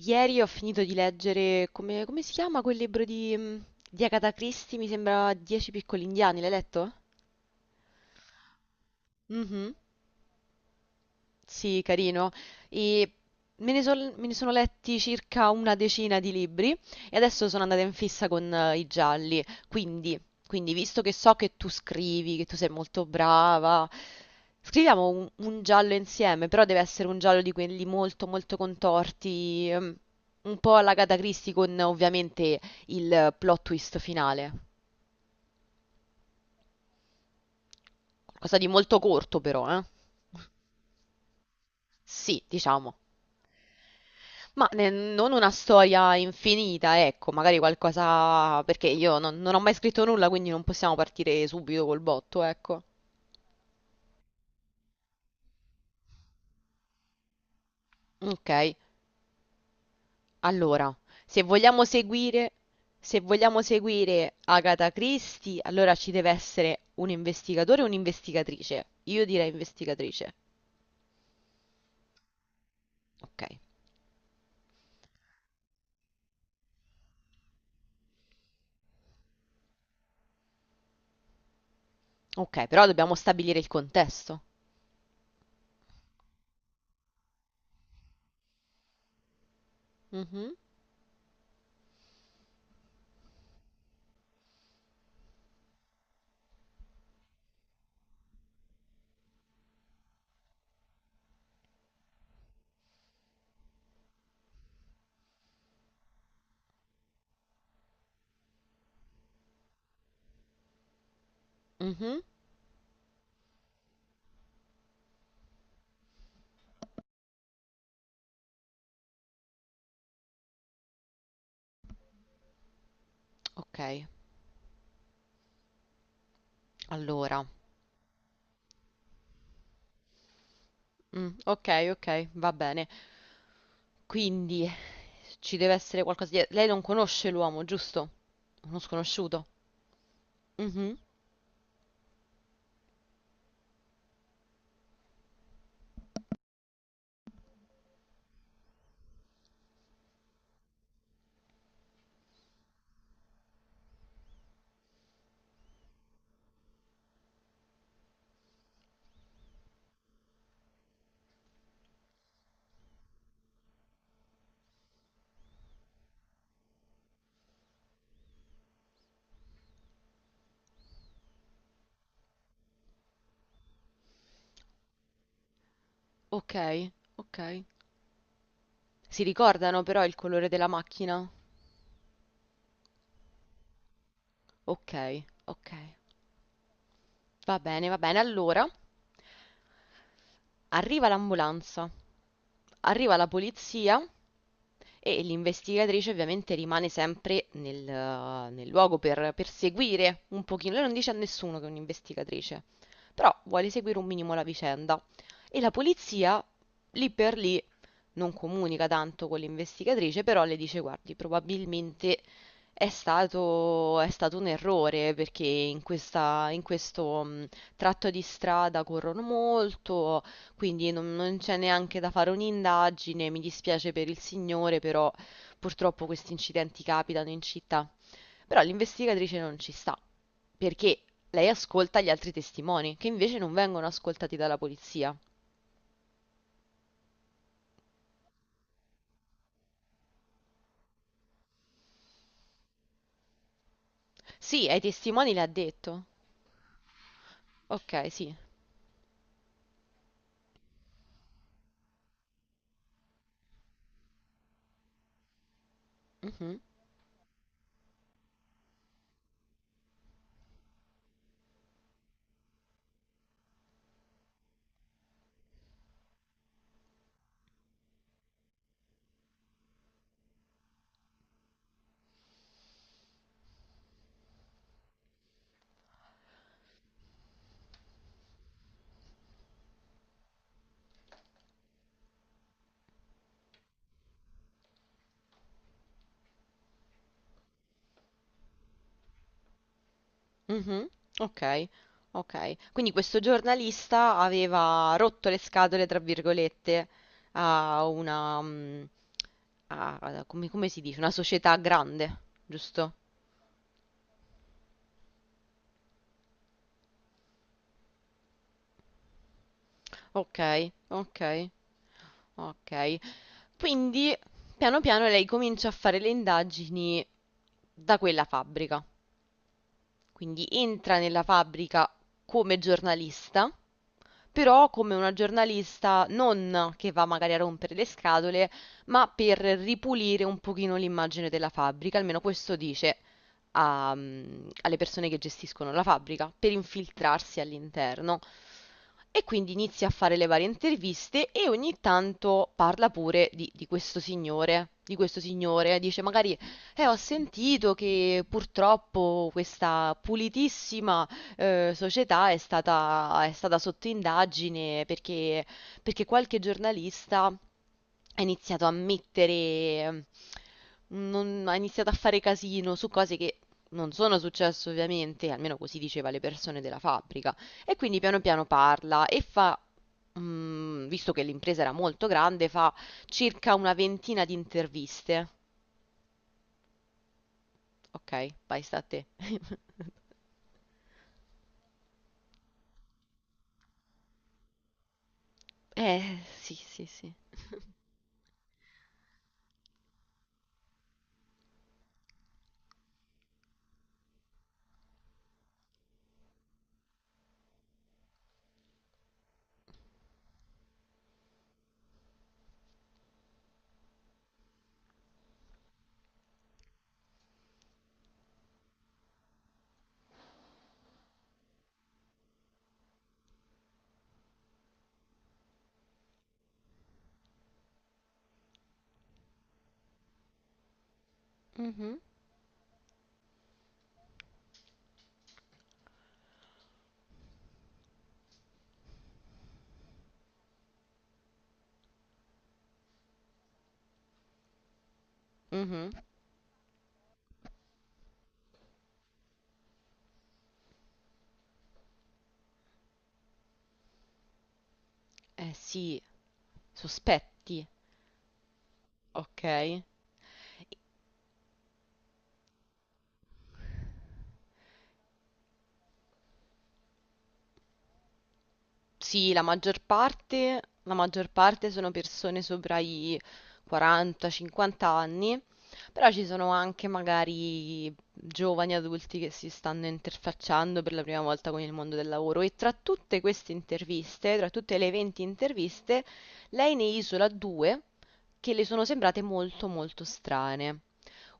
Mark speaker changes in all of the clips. Speaker 1: Ieri ho finito di leggere, come si chiama quel libro di Agatha Christie? Mi sembra Dieci piccoli indiani, l'hai letto? Mhm. Sì, carino. E me ne sono letti circa una decina di libri e adesso sono andata in fissa con i gialli. Quindi, visto che so che tu scrivi, che tu sei molto brava, scriviamo un giallo insieme, però deve essere un giallo di quelli molto, molto contorti, un po' alla Agatha Christie con ovviamente il plot twist finale. Qualcosa di molto corto però, eh? Sì, diciamo. Ma non una storia infinita, ecco, magari qualcosa, perché io non ho mai scritto nulla, quindi non possiamo partire subito col botto, ecco. Ok, allora, se vogliamo seguire, se vogliamo seguire Agatha Christie, allora ci deve essere un investigatore e un'investigatrice. Io direi investigatrice. Ok, ok, però dobbiamo stabilire il contesto. Mhm, mhm. Ok, allora, mm, ok, ok, va bene. Quindi, ci deve essere qualcosa dietro. Lei non conosce l'uomo, giusto? Uno sconosciuto. Mhm. Ok, ok. Si ricordano però il colore della macchina? Ok, ok. Va bene, va bene. Allora, arriva l'ambulanza, arriva la polizia e l'investigatrice ovviamente rimane sempre nel luogo per seguire un pochino. Lei non dice a nessuno che è un'investigatrice, però vuole seguire un minimo la vicenda. E la polizia, lì per lì, non comunica tanto con l'investigatrice, però le dice: guardi, probabilmente è stato un errore perché in questo tratto di strada corrono molto, quindi non c'è neanche da fare un'indagine. Mi dispiace per il signore, però purtroppo questi incidenti capitano in città. Però l'investigatrice non ci sta perché lei ascolta gli altri testimoni, che invece non vengono ascoltati dalla polizia. Sì, ai testimoni le ha detto. Ok, sì. Mhm, mhm. Ok, ok. Quindi questo giornalista aveva rotto le scatole, tra virgolette, a una, come si dice? Una società grande, giusto? Ok, ok, ok. Quindi, piano piano lei comincia a fare le indagini da quella fabbrica. Quindi entra nella fabbrica come giornalista. Però come una giornalista non che va magari a rompere le scatole, ma per ripulire un pochino l'immagine della fabbrica, almeno questo dice alle persone che gestiscono la fabbrica, per infiltrarsi all'interno. E quindi inizia a fare le varie interviste e ogni tanto parla pure di questo signore, dice magari, ho sentito che purtroppo questa pulitissima società è stata sotto indagine perché qualche giornalista ha iniziato a mettere, ha iniziato a fare casino su cose che non sono successe ovviamente, almeno così diceva le persone della fabbrica. E quindi piano piano parla e fa, visto che l'impresa era molto grande, fa circa una ventina di interviste. Ok, vai, sta a te. Sì, sì, sì. Mhm, mhm. Eh sì, sospetti, okay. Sì, la maggior parte sono persone sopra i 40, 50 anni, però ci sono anche magari giovani adulti che si stanno interfacciando per la prima volta con il mondo del lavoro e tra tutte queste interviste, tra tutte le 20 interviste, lei ne isola due che le sono sembrate molto molto strane.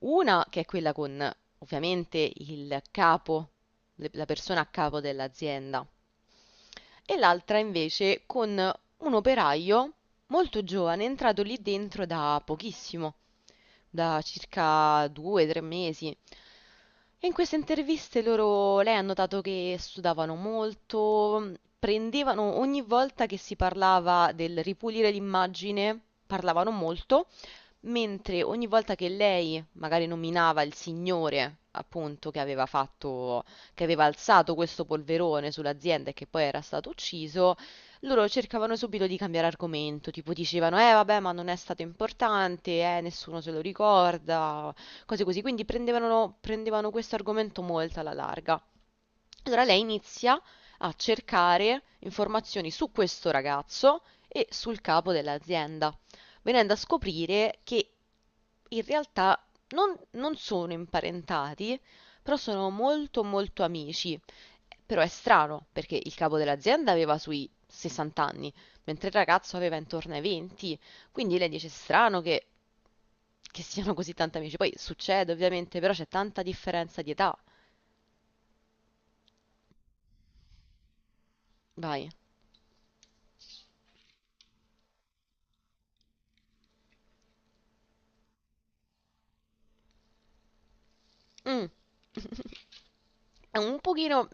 Speaker 1: Una che è quella con ovviamente il capo, la persona a capo dell'azienda, e l'altra invece con un operaio molto giovane, entrato lì dentro da pochissimo, da circa due, tre mesi. E in queste interviste lei ha notato che studavano molto, prendevano ogni volta che si parlava del ripulire l'immagine, parlavano molto mentre ogni volta che lei magari nominava il signore, appunto, che aveva alzato questo polverone sull'azienda e che poi era stato ucciso, loro cercavano subito di cambiare argomento, tipo dicevano, eh vabbè, ma non è stato importante, nessuno se lo ricorda, cose così, quindi prendevano questo argomento molto alla larga. Allora lei inizia a cercare informazioni su questo ragazzo e sul capo dell'azienda venendo a scoprire che in realtà non sono imparentati, però sono molto molto amici. Però è strano, perché il capo dell'azienda aveva sui 60 anni, mentre il ragazzo aveva intorno ai 20, quindi lei dice: "È strano che siano così tanti amici. Poi succede ovviamente, però c'è tanta differenza di età." Vai. Mm, è un pochino.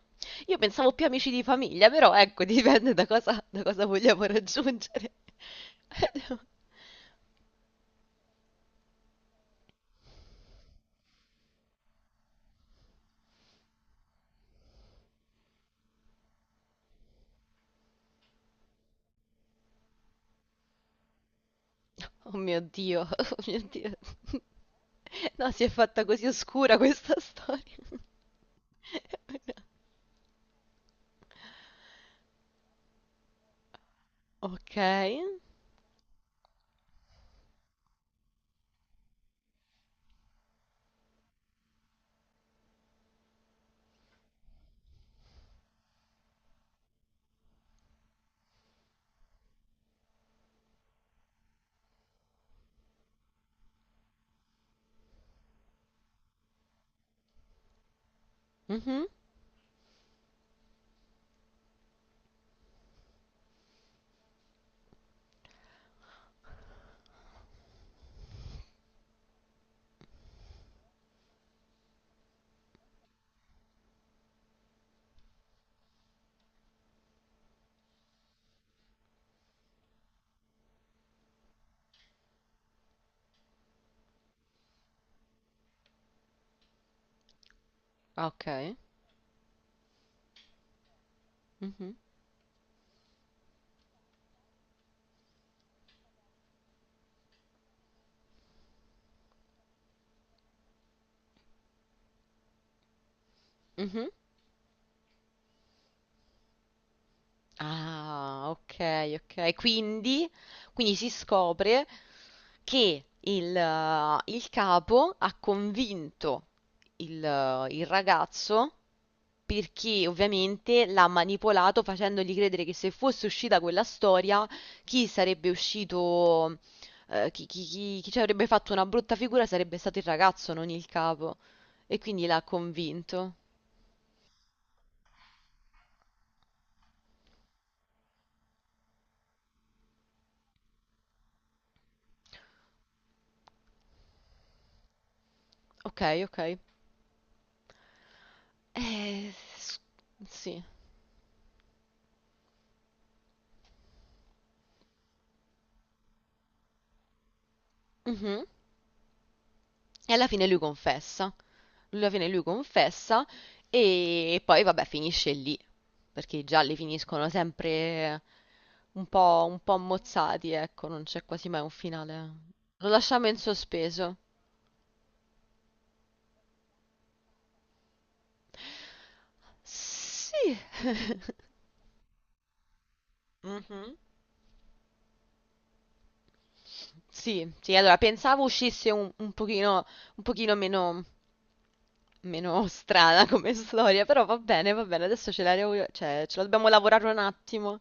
Speaker 1: Io pensavo più amici di famiglia, però ecco, dipende da cosa vogliamo raggiungere. Oh mio Dio, oh mio Dio. No, si è fatta così oscura questa storia. Ok. Mhm. Ah, ok. Mhm. Mhm. Ah, ok, ok. Quindi, si scopre che il capo ha convinto il ragazzo perché ovviamente l'ha manipolato facendogli credere che se fosse uscita quella storia, chi sarebbe uscito, chi ci avrebbe fatto una brutta figura sarebbe stato il ragazzo, non il capo. E quindi l'ha convinto. Ok, ok. Eh, s- sì. Mhm. E alla fine lui confessa e poi vabbè finisce lì, perché i gialli finiscono sempre un po' ammozzati, ecco, non c'è quasi mai un finale. Lo lasciamo in sospeso. Sì, mhm, sì, sì, allora pensavo uscisse un pochino meno strana come storia, però va bene, adesso cioè, ce la dobbiamo lavorare un attimo.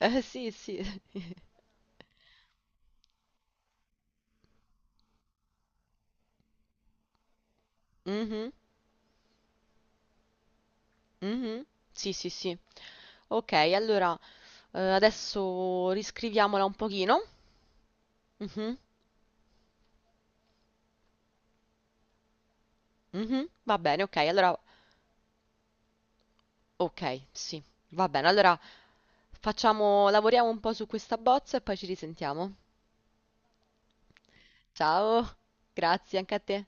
Speaker 1: Sì, sì. Mhm, mhm. Sì, sì, sì. Ok, allora, adesso riscriviamola un pochino. Mhm, mhm. Va bene, ok, allora, ok, sì, va bene. Allora lavoriamo un po' su questa bozza e poi ci risentiamo. Ciao, grazie anche a te.